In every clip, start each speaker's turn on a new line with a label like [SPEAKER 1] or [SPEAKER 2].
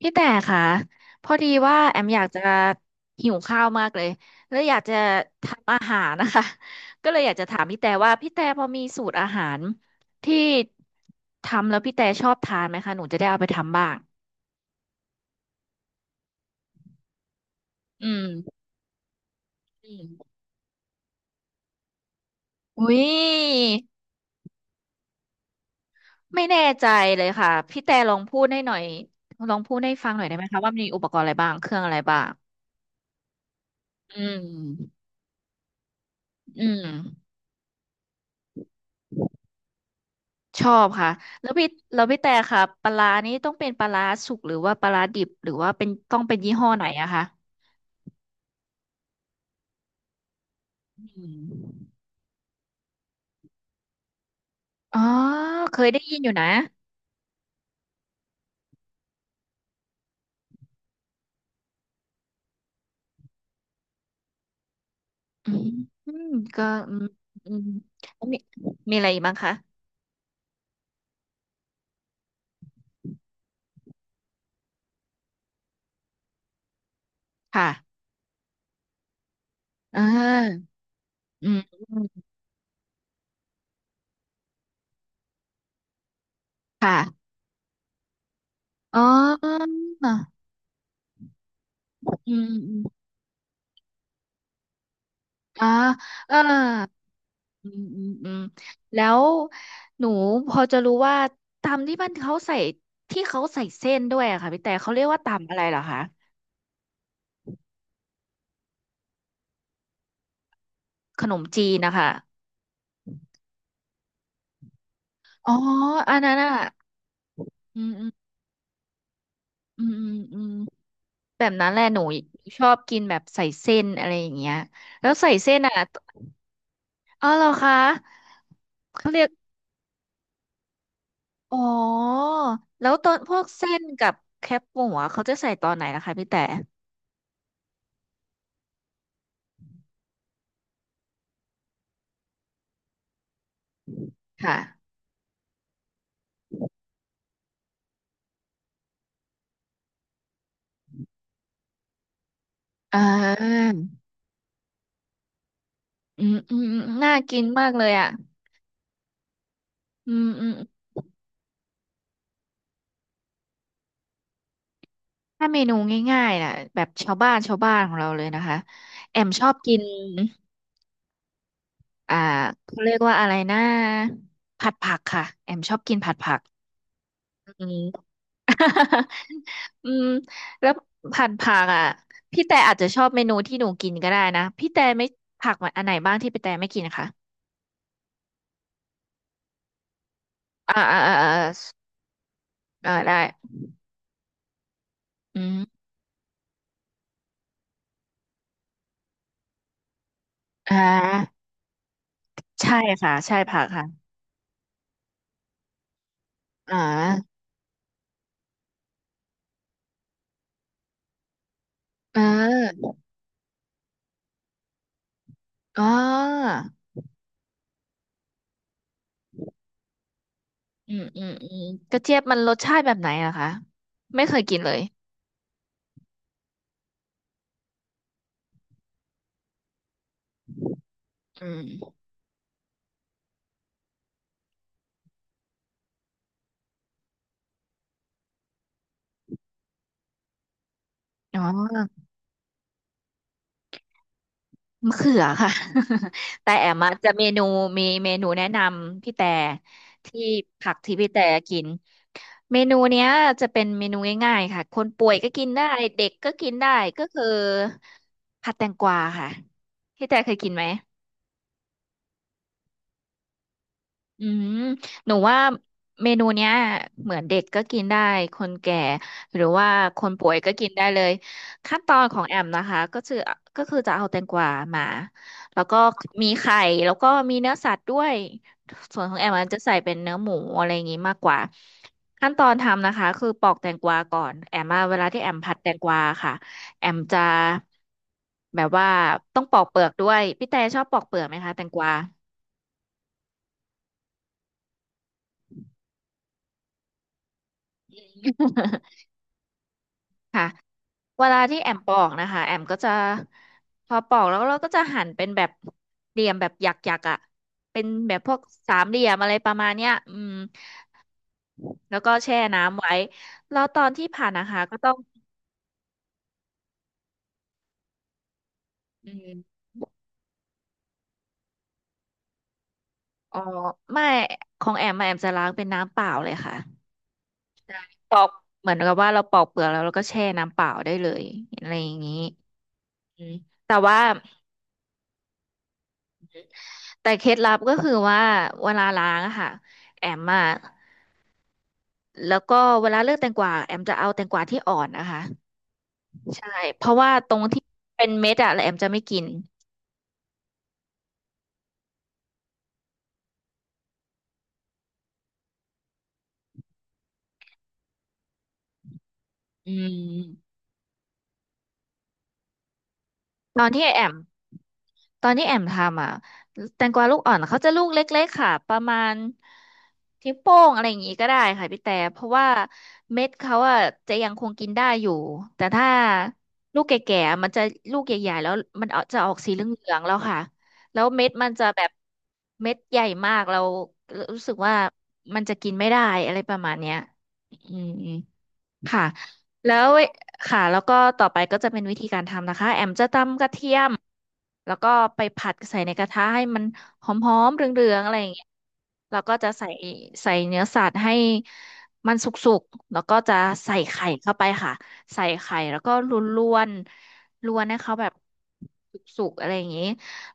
[SPEAKER 1] พี่แต่ค่ะพอดีว่าแอมอยากจะหิวข้าวมากเลยแล้วอยากจะทำอาหารนะคะ ก็เลยอยากจะถามพี่แต่ว่าพี่แต่พอมีสูตรอาหารที่ทำแล้วพี่แต่ชอบทานไหมคะหนูจะได้เอาไปทำบ้างอืมอืมอุ้ยไม่แน่ใจเลยค่ะพี่แต่ลองพูดให้หน่อยลองพูดให้ฟังหน่อยได้ไหมคะว่ามีอุปกรณ์อะไรบ้างเครื่องอะไรบ้างอืมอืม ชอบค่ะแล้วพี่แล้วพี่แต่ค่ะปลาร้านี้ต้องเป็นปลาร้าสุกหรือว่าปลาร้าดิบหรือว่าเป็นต้องเป็นยี่ห้อไหนอะคะอืมอ๋อเคยได้ยินอยู่นะอืมอืมก็อืมอืมแล้วมีมีอะไรอีกบ้างคะค่ะอ่าอืมอืมค่ะอ๋ออืมอืมอืมอ๋อเออ อืมอืมอืมแล้วหนูพอจะรู้ว่าตำที่มันเขาใส่ที่เขาใส่เส้นด้วยอะค่ะพี่แต่เขาเรียกว่าตำอะไรเหรอคะขนมจีนนะคะอ๋ออันนั้นอ่ะอืมอืมอืมอืมอืมแบบนั้นแหละหนูชอบกินแบบใส่เส้นอะไรอย่างเงี้ยแล้วใส่เส้นอ่ะอ๋อเหรอคะเขาเรียกอ๋อแล้วตอนพวกเส้นกับแคบหมูอะเขาจะใส่ตอนไหนนะคะพี่แต่ค่ะอ่า อืมอืมอืมน่ากินมากเลยอ่ะอืมอืมถ้าเมนูง่ายๆน่ะแบบชาวบ้านชาวบ้านของเราเลยนะคะแอมชอบกินอ่าเขาเรียกว่าอะไรนะผัดผักค่ะแอมชอบกินผัดผักอืม อืมแล้วผัดผักอ่ะพี่แต่อาจจะชอบเมนูที่หนูกินก็ได้นะพี่แต่ไม่ผักมันอันไหนบ้างที่พี่แต่ไม่กินคะอ่าอ่าอ่าอ่าอ่าได้อืมอ่าใช่ค่ะใช่ผักค่ะอ่าเออ อ๋ออืมอืมอืมกระเจี๊ยบมันรสชาติแบบไหนอะคะไม่เคยกินเลย อืมอ๋อมะเขือค่ะ แต่แอมะจะเมนูมีเมนูแนะนำพี่แต่ที่ผักที่พี่แต่กินเมนูเนี้ยจะเป็นเมนูง่ายๆค่ะคนป่วยก็กินได้เด็กก็กินได้ก็คือผัดแตงกวาค่ะพี่แต่เคยกินไหม อืมหนูว่าเมนูเนี้ยเหมือนเด็กก็กินได้คนแก่หรือว่าคนป่วยก็กินได้เลยขั้นตอนของแอมนะคะก็คือก็คือจะเอาแตงกวามาแล้วก็มีไข่แล้วก็มีเนื้อสัตว์ด้วยส่วนของแอมมันจะใส่เป็นเนื้อหมูอะไรอย่างงี้มากกว่าขั้นตอนทำนะคะคือปอกแตงกวาก่อนแอมมาเวลาที่แอมผัดแตงกวาค่ะแอมจะแบบว่าต้องปอกเปลือกด้วยพี่แต่ชอบปอกเปลือกไหมคะแตงกวา ค่ะ เวลาที่แอมปอกนะคะแอมก็จะพอปอกแล้วเราก็จะหั่นเป็นแบบเหลี่ยมแบบหยักๆอ่ะเป็นแบบพวกสามเหลี่ยมอะไรประมาณเนี้ยอืมแล้วก็แช่น้ำไว้แล้วตอนที่ผ่านนะคะก็ต้องอืมอ๋อไม่ของแอมอะแอมจะล้างเป็นน้ำเปล่าเลยค่ะปอกเหมือนกับว่าเราปอกเปลือกแล้วเราก็แช่น้ำเปล่าได้เลยอะไรอย่างนี้อืมแต่ว่าแต่เคล็ดลับก็คือว่าเวลาล้างอะค่ะแอมอะ แล้วก็เวลาเลือกแตงกวาแอมจะเอาแตงกวาที่อ่อนนะคะใช่เพราะว่าตรงที่เป็นเม็ดอะแล้วแอมจะไม่กินอืมตอนที่แอม ตอนที่แอมทำอ่ะแตงกวาลูกอ่อนเขาจะลูกเล็กๆค่ะประมาณนิ้วโป้งอะไรอย่างงี้ก็ได้ค่ะพี่แต่เพราะว่าเม็ดเขาอ่ะจะยังคงกินได้อยู่แต่ถ้าลูกแก่ๆมันจะลูกใหญ่ๆแล้วมันเอาจะออกสีเหลืองๆแล้วค่ะแล้วเม็ดมันจะแบบเม็ดใหญ่มากเรารู้สึกว่ามันจะกินไม่ได้อะไรประมาณเนี้ยอืม ค่ะแล้วเวค่ะแล้วก็ต่อไปก็จะเป็นวิธีการทำนะคะแอมจะตำกระเทียมแล้วก็ไปผัดใส่ในกระทะให้มันหอมๆเหลืองๆอะไรอย่างเงี้ยแล้วก็จะใส่ใส่เนื้อสัตว์ให้มันสุกๆแล้วก็จะใส่ไข่เข้าไปค่ะใส่ไข่แล้วก็ลวนๆลวนให้เขาแบบสุกๆอะไรอย่างงี้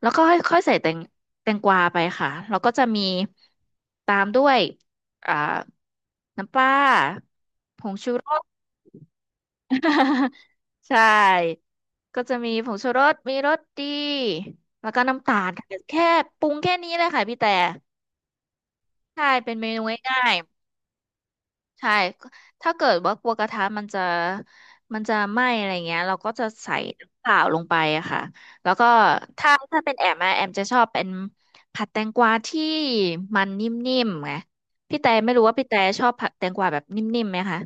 [SPEAKER 1] แล้วก็ค่อยๆใส่แตงกวาไปค่ะแล้วก็จะมีตามด้วยอ่าน้ำปลาผงชูรส ใช่ ก็จะมีผงชูรสมีรสดี แล้วก็น้ำตาลค่ะแค่ปรุงแค่นี้เลยค่ะพี่แต่ใช่เป็นเมนูง่ายๆใช่ ถ้าเกิดว่ากลัวกระทะมันจะมันจะไหม้อะไรเงี้ยเราก็จะใส่น้ำเปล่าลงไปอะค่ะ แล้วก็ถ้าเป็นแอมอะแอมจะชอบเป็นผัดแตงกวาที่มันนิ่มๆไงพี่แต่ไม่รู้ว่าพี่แต่ชอบผัดแตงกวาแบบนิ่มๆไหมคะ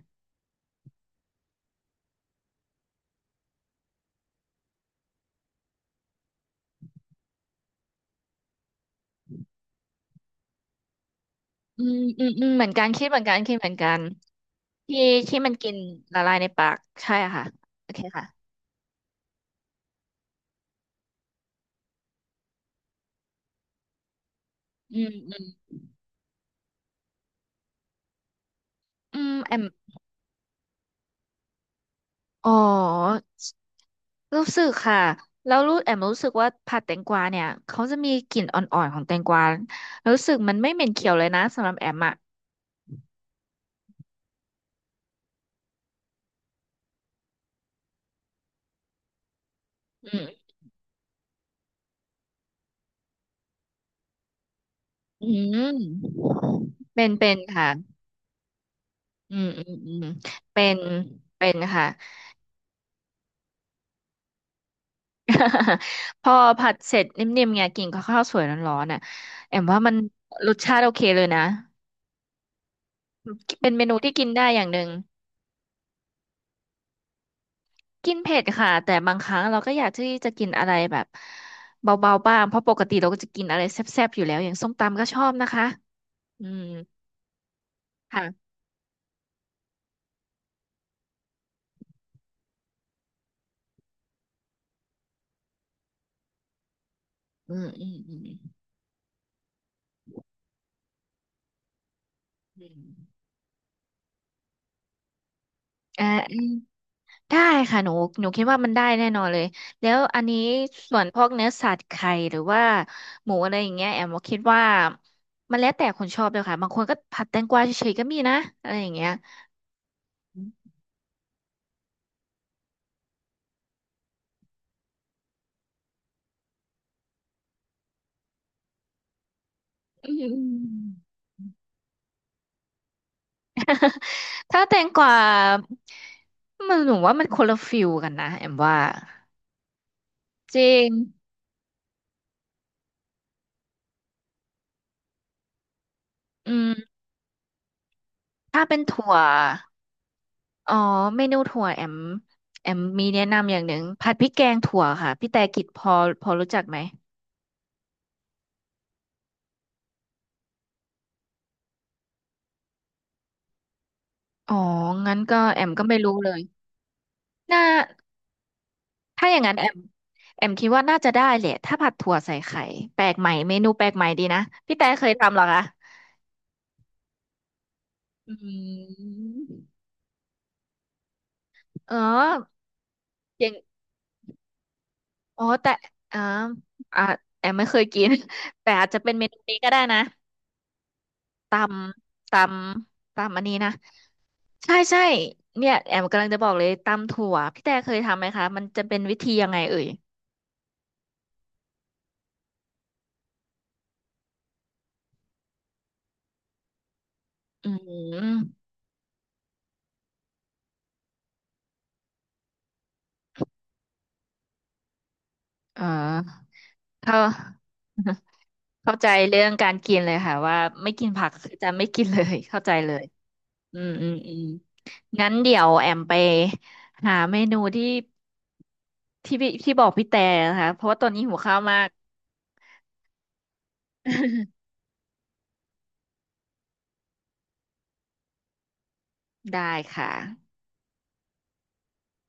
[SPEAKER 1] อืมอืมอืมเหมือนกันคิดเหมือนกันคิดเหมือนกัน ที่ที่มันกินละลายในปากใช่ค่ะโอเคค่ะอืมอืมอืมแอมอ๋อรู้สึกค่ะแล้วรู้แอมรู้สึกว่าผัดแตงกวาเนี่ยเขาจะมีกลิ่นอ่อนๆของแตงกวารู้สึกมันไม่เหม็นเขียวเลยนะสำหรับแอมอ่ะอืมอืมเป็นค่ะอืมอืมอืมเป็นเป็นค่ะ พอผัดเสร็จนิ่มๆไงกินกับข้าวสวยร้อนๆน่ะแอมว่ามันรสชาติโอเคเลยนะเป็นเมนูที่กินได้อย่างหนึ่ง กินเผ็ดค่ะแต่บางครั้งเราก็อยากที่จะกินอะไรแบบเบาๆบ้างเพราะปกติเราก็จะกินอะไรแซ่บๆอยู่แล้วอย่างส้มตำก็ชอบนะคะอืมค่ะอืมอืมอืมอืมอ่าอืมได้ค่ะหนูหนูคิดว่ามันได้แน่นอนเลยแล้วอันนี้ส่วนพวกเนื้อสัตว์ไข่หรือว่าหมูอะไรอย่างเงี้ยแอมก็คิดว่ามันแล้วแต่คนชอบเลยค่ะบางคนก็ผัดแตงกวาเฉยๆก็มีนะอะไรอย่างเงี้ยอืม ถ้าแตงกวามันหนูว่ามันคนละฟิลกันนะแอมว่าจริงอืมถ้าเป็นถั่วอ๋อเมนูถั่วแอมแอมมีแนะนำอย่างหนึ่งผัดพริกแกงถั่วค่ะพี่แต่กิจพอพอรู้จักไหมอ๋องั้นก็แอมก็ไม่รู้เลยน่าถ้าอย่างนั้นแอมแอมคิดว่าน่าจะได้แหละถ้าผัดถั่วใส่ไข่แปลกใหม่เมนูแปลกใหม่ดีนะพี่แต่เคยทำเหรอคะอืมเอออย่าง อ๋อแต่อ่าอ่าแอมไม่เคยกิน แต่อาจจะเป็นเมนูนี้ก็ได้นะตตำอันนี้นะใช่ใช่เนี่ยแอมกำลังจะบอกเลยตำถั่วพี่แต่เคยทำไหมคะมันจะเป็นวิธียังไงเอ่ยอืมเออเข้า เข้าใจเรื่องการกินเลยค่ะว่าไม่กินผักคือจะไม่กินเลย เข้าใจเลยอืมอืมอืมงั้นเดี๋ยวแอมไปหาเมนูที่ที่พี่ที่บอกพี่แต่นะคะเพราะว่าตอนนี้หิวข้าวมาก ได้ค่ะ